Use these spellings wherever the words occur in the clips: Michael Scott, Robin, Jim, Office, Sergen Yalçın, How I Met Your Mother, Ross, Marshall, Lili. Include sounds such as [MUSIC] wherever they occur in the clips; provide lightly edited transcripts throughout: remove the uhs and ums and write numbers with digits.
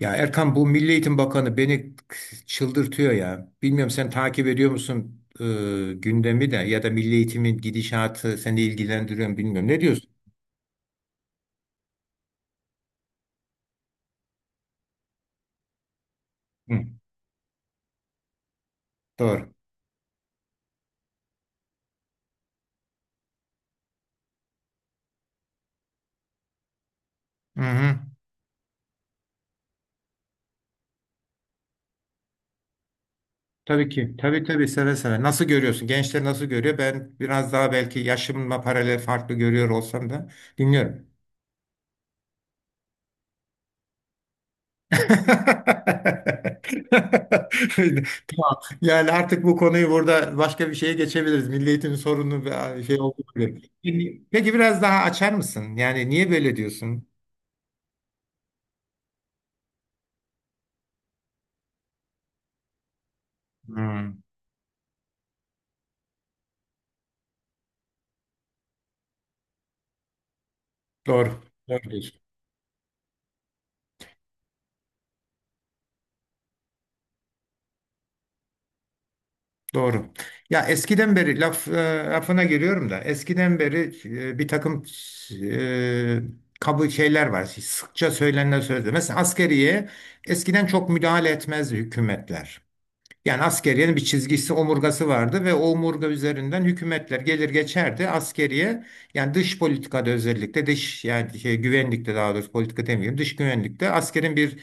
Ya Erkan, bu Milli Eğitim Bakanı beni çıldırtıyor ya. Bilmiyorum, sen takip ediyor musun gündemi? De ya da Milli Eğitim'in gidişatı seni ilgilendiriyor mu bilmiyorum. Ne diyorsun? Hı, doğru. Hı hı. Tabii ki. Tabii tabii, seve seve. Nasıl görüyorsun? Gençler nasıl görüyor? Ben biraz daha belki yaşımla paralel farklı görüyor olsam da dinliyorum. [LAUGHS] Tamam. Yani artık bu konuyu burada başka bir şeye geçebiliriz. Milli eğitimin sorunu ve şey oldu böyle. Peki peki, biraz daha açar mısın? Yani niye böyle diyorsun? Hmm, doğru. Doğru diyorsun. Doğru. Ya eskiden beri lafına giriyorum da eskiden beri bir takım e, kabul şeyler var. Sıkça söylenen sözler. Mesela askeriye eskiden çok müdahale etmezdi hükümetler. Yani askeriyenin bir çizgisi, omurgası vardı ve o omurga üzerinden hükümetler gelir geçerdi. Askeriye yani dış politikada, özellikle dış yani şey, güvenlikte, daha doğrusu politika demeyeyim, dış güvenlikte askerin bir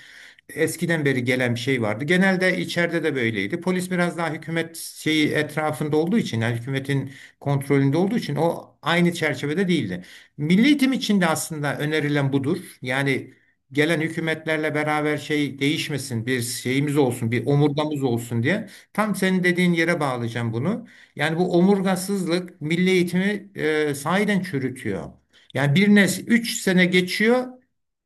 eskiden beri gelen bir şey vardı. Genelde içeride de böyleydi. Polis biraz daha hükümet şeyi etrafında olduğu için, yani hükümetin kontrolünde olduğu için o aynı çerçevede değildi. Milli eğitim için de aslında önerilen budur. Yani gelen hükümetlerle beraber şey değişmesin, bir şeyimiz olsun, bir omurgamız olsun diye. Tam senin dediğin yere bağlayacağım bunu. Yani bu omurgasızlık milli eğitimi sahiden çürütüyor. Yani bir nesil 3 sene geçiyor.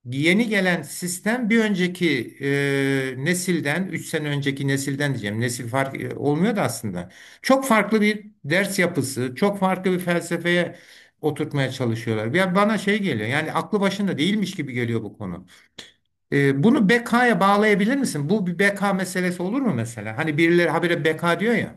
Yeni gelen sistem bir önceki nesilden, 3 sene önceki nesilden diyeceğim. Nesil fark olmuyor da aslında. Çok farklı bir ders yapısı, çok farklı bir felsefeye oturtmaya çalışıyorlar. Ya bana şey geliyor. Yani aklı başında değilmiş gibi geliyor bu konu. Bunu BK'ya bağlayabilir misin? Bu bir BK meselesi olur mu mesela? Hani birileri habire BK diyor ya.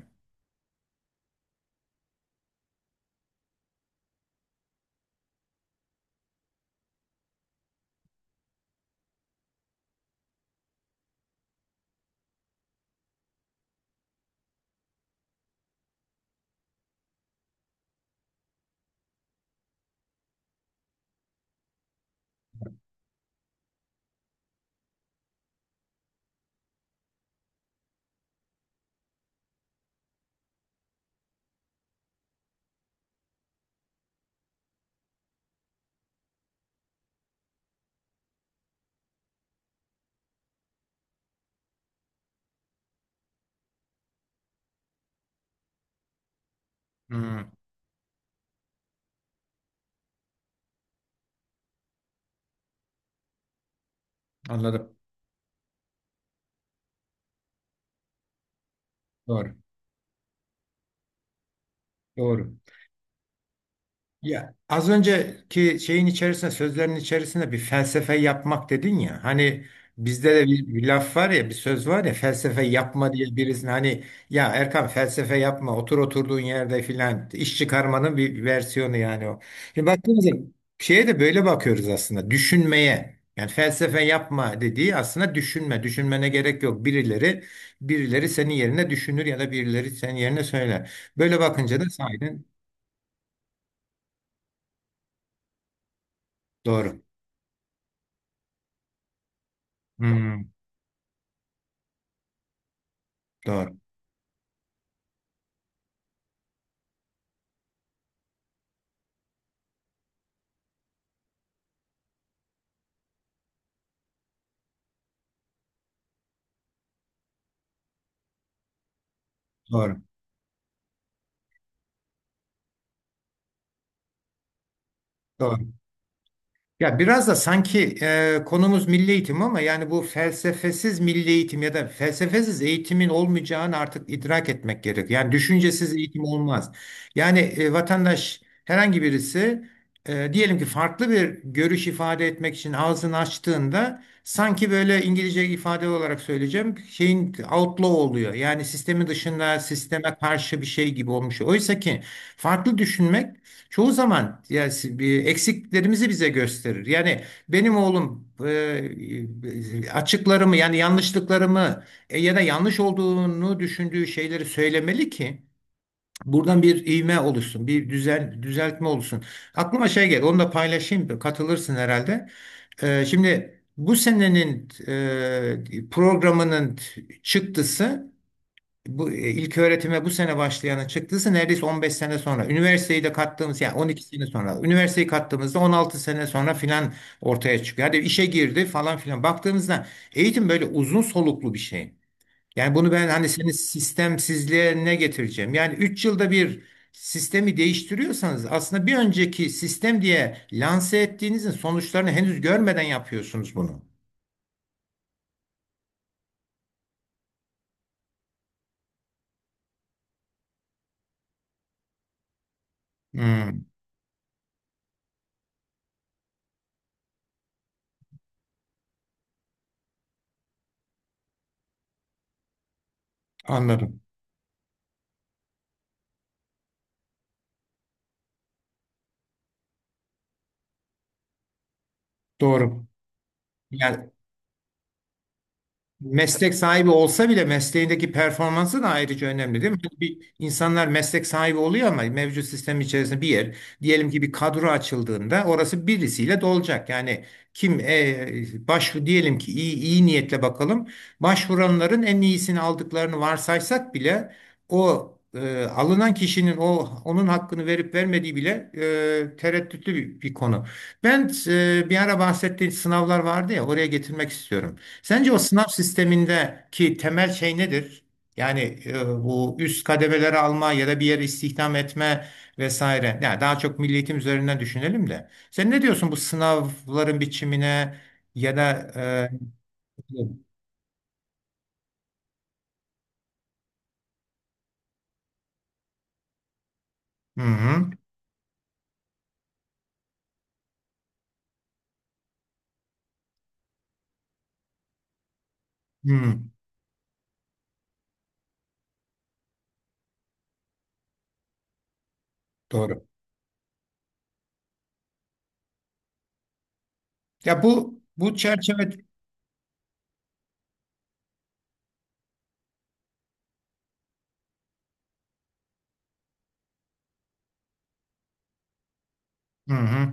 Hmm, anladım. Doğru. Doğru. Ya az önceki şeyin içerisinde, sözlerin içerisinde bir felsefe yapmak dedin ya. Hani bizde de bir laf var ya, bir söz var ya, felsefe yapma diye birisine, hani ya Erkan felsefe yapma, otur oturduğun yerde filan, iş çıkarmanın bir versiyonu yani o. Şimdi baktığımızda şeye de böyle bakıyoruz aslında. Düşünmeye. Yani felsefe yapma dediği aslında düşünme. Düşünmene gerek yok. Birileri senin yerine düşünür ya da birileri senin yerine söyler. Böyle bakınca da sahiden doğru. Hmm. Doğru, doğru, doğru. Ya biraz da sanki konumuz milli eğitim ama yani bu felsefesiz milli eğitim ya da felsefesiz eğitimin olmayacağını artık idrak etmek gerek. Yani düşüncesiz eğitim olmaz. Yani vatandaş, herhangi birisi diyelim ki farklı bir görüş ifade etmek için ağzını açtığında sanki böyle, İngilizce ifade olarak söyleyeceğim, şeyin outlaw oluyor. Yani sistemin dışında, sisteme karşı bir şey gibi olmuş. Oysa ki farklı düşünmek çoğu zaman, yani bir eksiklerimizi bize gösterir. Yani benim oğlum açıklarımı, yani yanlışlıklarımı ya da yanlış olduğunu düşündüğü şeyleri söylemeli ki buradan bir ivme oluşsun, bir düzeltme olsun. Aklıma şey geldi, onu da paylaşayım, katılırsın herhalde. Şimdi bu senenin programının çıktısı, bu ilk öğretime bu sene başlayanın çıktıysa, neredeyse 15 sene sonra. Üniversiteyi de kattığımız, yani 12 sene sonra. Üniversiteyi kattığımızda 16 sene sonra filan ortaya çıkıyor. Hadi işe girdi falan filan. Baktığımızda eğitim böyle uzun soluklu bir şey. Yani bunu ben, hani senin sistemsizliğe ne getireceğim? Yani 3 yılda bir sistemi değiştiriyorsanız, aslında bir önceki sistem diye lanse ettiğinizin sonuçlarını henüz görmeden yapıyorsunuz bunu. Hmm, anladım. Doğru. Yani meslek sahibi olsa bile mesleğindeki performansı da ayrıca önemli değil mi? Hani bir, insanlar meslek sahibi oluyor ama mevcut sistem içerisinde bir yer, diyelim ki bir kadro açıldığında, orası birisiyle dolacak. Yani kim, başvur, diyelim ki iyi niyetle bakalım. Başvuranların en iyisini aldıklarını varsaysak bile o alınan kişinin onun hakkını verip vermediği bile tereddütlü bir konu. Ben bir ara bahsettiğim sınavlar vardı ya, oraya getirmek istiyorum. Sence o sınav sistemindeki temel şey nedir? Yani bu üst kademeleri alma ya da bir yere istihdam etme vesaire. Yani daha çok milli eğitim üzerinden düşünelim de. Sen ne diyorsun bu sınavların biçimine ya da hı hı, hı, doğru. Ya bu çerçeve, hı hı,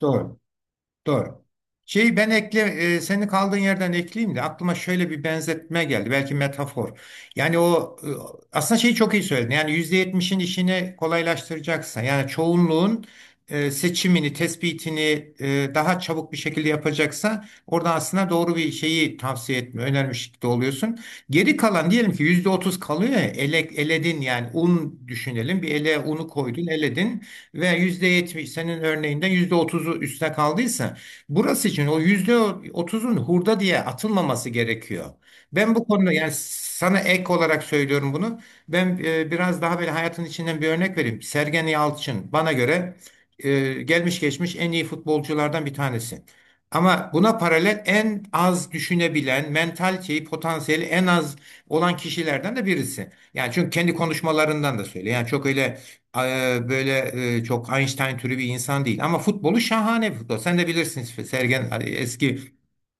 doğru. Doğru. Şeyi ben senin kaldığın yerden ekleyeyim de aklıma şöyle bir benzetme geldi. Belki metafor. Yani aslında şeyi çok iyi söyledin. Yani %70'in işini kolaylaştıracaksan, yani çoğunluğun seçimini, tespitini daha çabuk bir şekilde yapacaksa, orada aslında doğru bir şeyi tavsiye etme, önermiş de oluyorsun. Geri kalan, diyelim ki %30 kalıyor ya, eledin, yani un düşünelim. Bir ele unu koydun, eledin ve %70 senin örneğinden %30'u üstüne kaldıysa, burası için o %30'un hurda diye atılmaması gerekiyor. Ben bu konuda, yani sana ek olarak söylüyorum bunu. Ben biraz daha böyle hayatın içinden bir örnek vereyim. Sergen Yalçın bana göre gelmiş geçmiş en iyi futbolculardan bir tanesi. Ama buna paralel en az düşünebilen, mentaliteyi, potansiyeli en az olan kişilerden de birisi. Yani çünkü kendi konuşmalarından da söylüyor. Yani çok öyle böyle çok Einstein türü bir insan değil. Ama futbolu şahane bir futbol. Sen de bilirsin Sergen, hani eski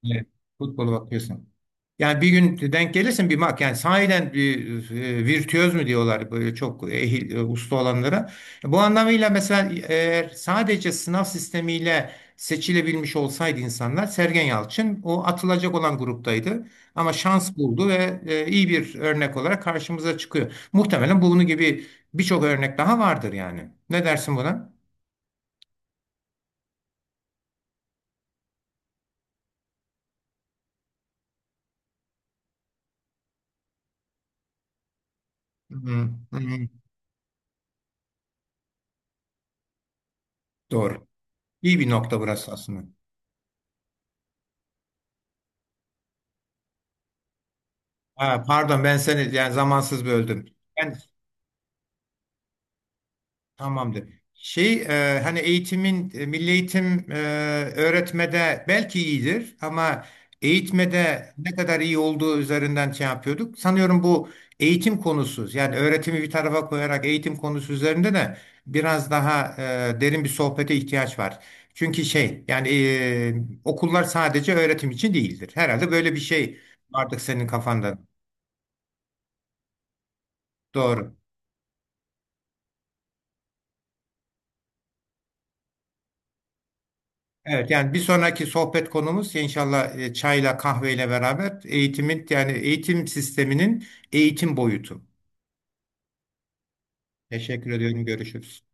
e, futbolu bakıyorsun. Yani bir gün denk gelirsin bir yani sahiden bir virtüöz mü diyorlar böyle çok ehil usta olanlara. Bu anlamıyla mesela eğer sadece sınav sistemiyle seçilebilmiş olsaydı insanlar, Sergen Yalçın o atılacak olan gruptaydı. Ama şans buldu ve iyi bir örnek olarak karşımıza çıkıyor. Muhtemelen bunun gibi birçok örnek daha vardır yani. Ne dersin buna? Hı, hı. Doğru. İyi bir nokta burası aslında. Ha, pardon, ben seni yani zamansız böldüm. Ben Tamamdır. Şey, hani eğitimin milli eğitim öğretmede belki iyidir ama eğitmede ne kadar iyi olduğu üzerinden şey yapıyorduk. Sanıyorum bu eğitim konusu, yani öğretimi bir tarafa koyarak eğitim konusu üzerinde de biraz daha derin bir sohbete ihtiyaç var. Çünkü şey, yani okullar sadece öğretim için değildir. Herhalde böyle bir şey vardı senin kafanda. Doğru. Evet, yani bir sonraki sohbet konumuz inşallah çayla kahveyle beraber eğitimin, yani eğitim sisteminin eğitim boyutu. Teşekkür ediyorum. Görüşürüz.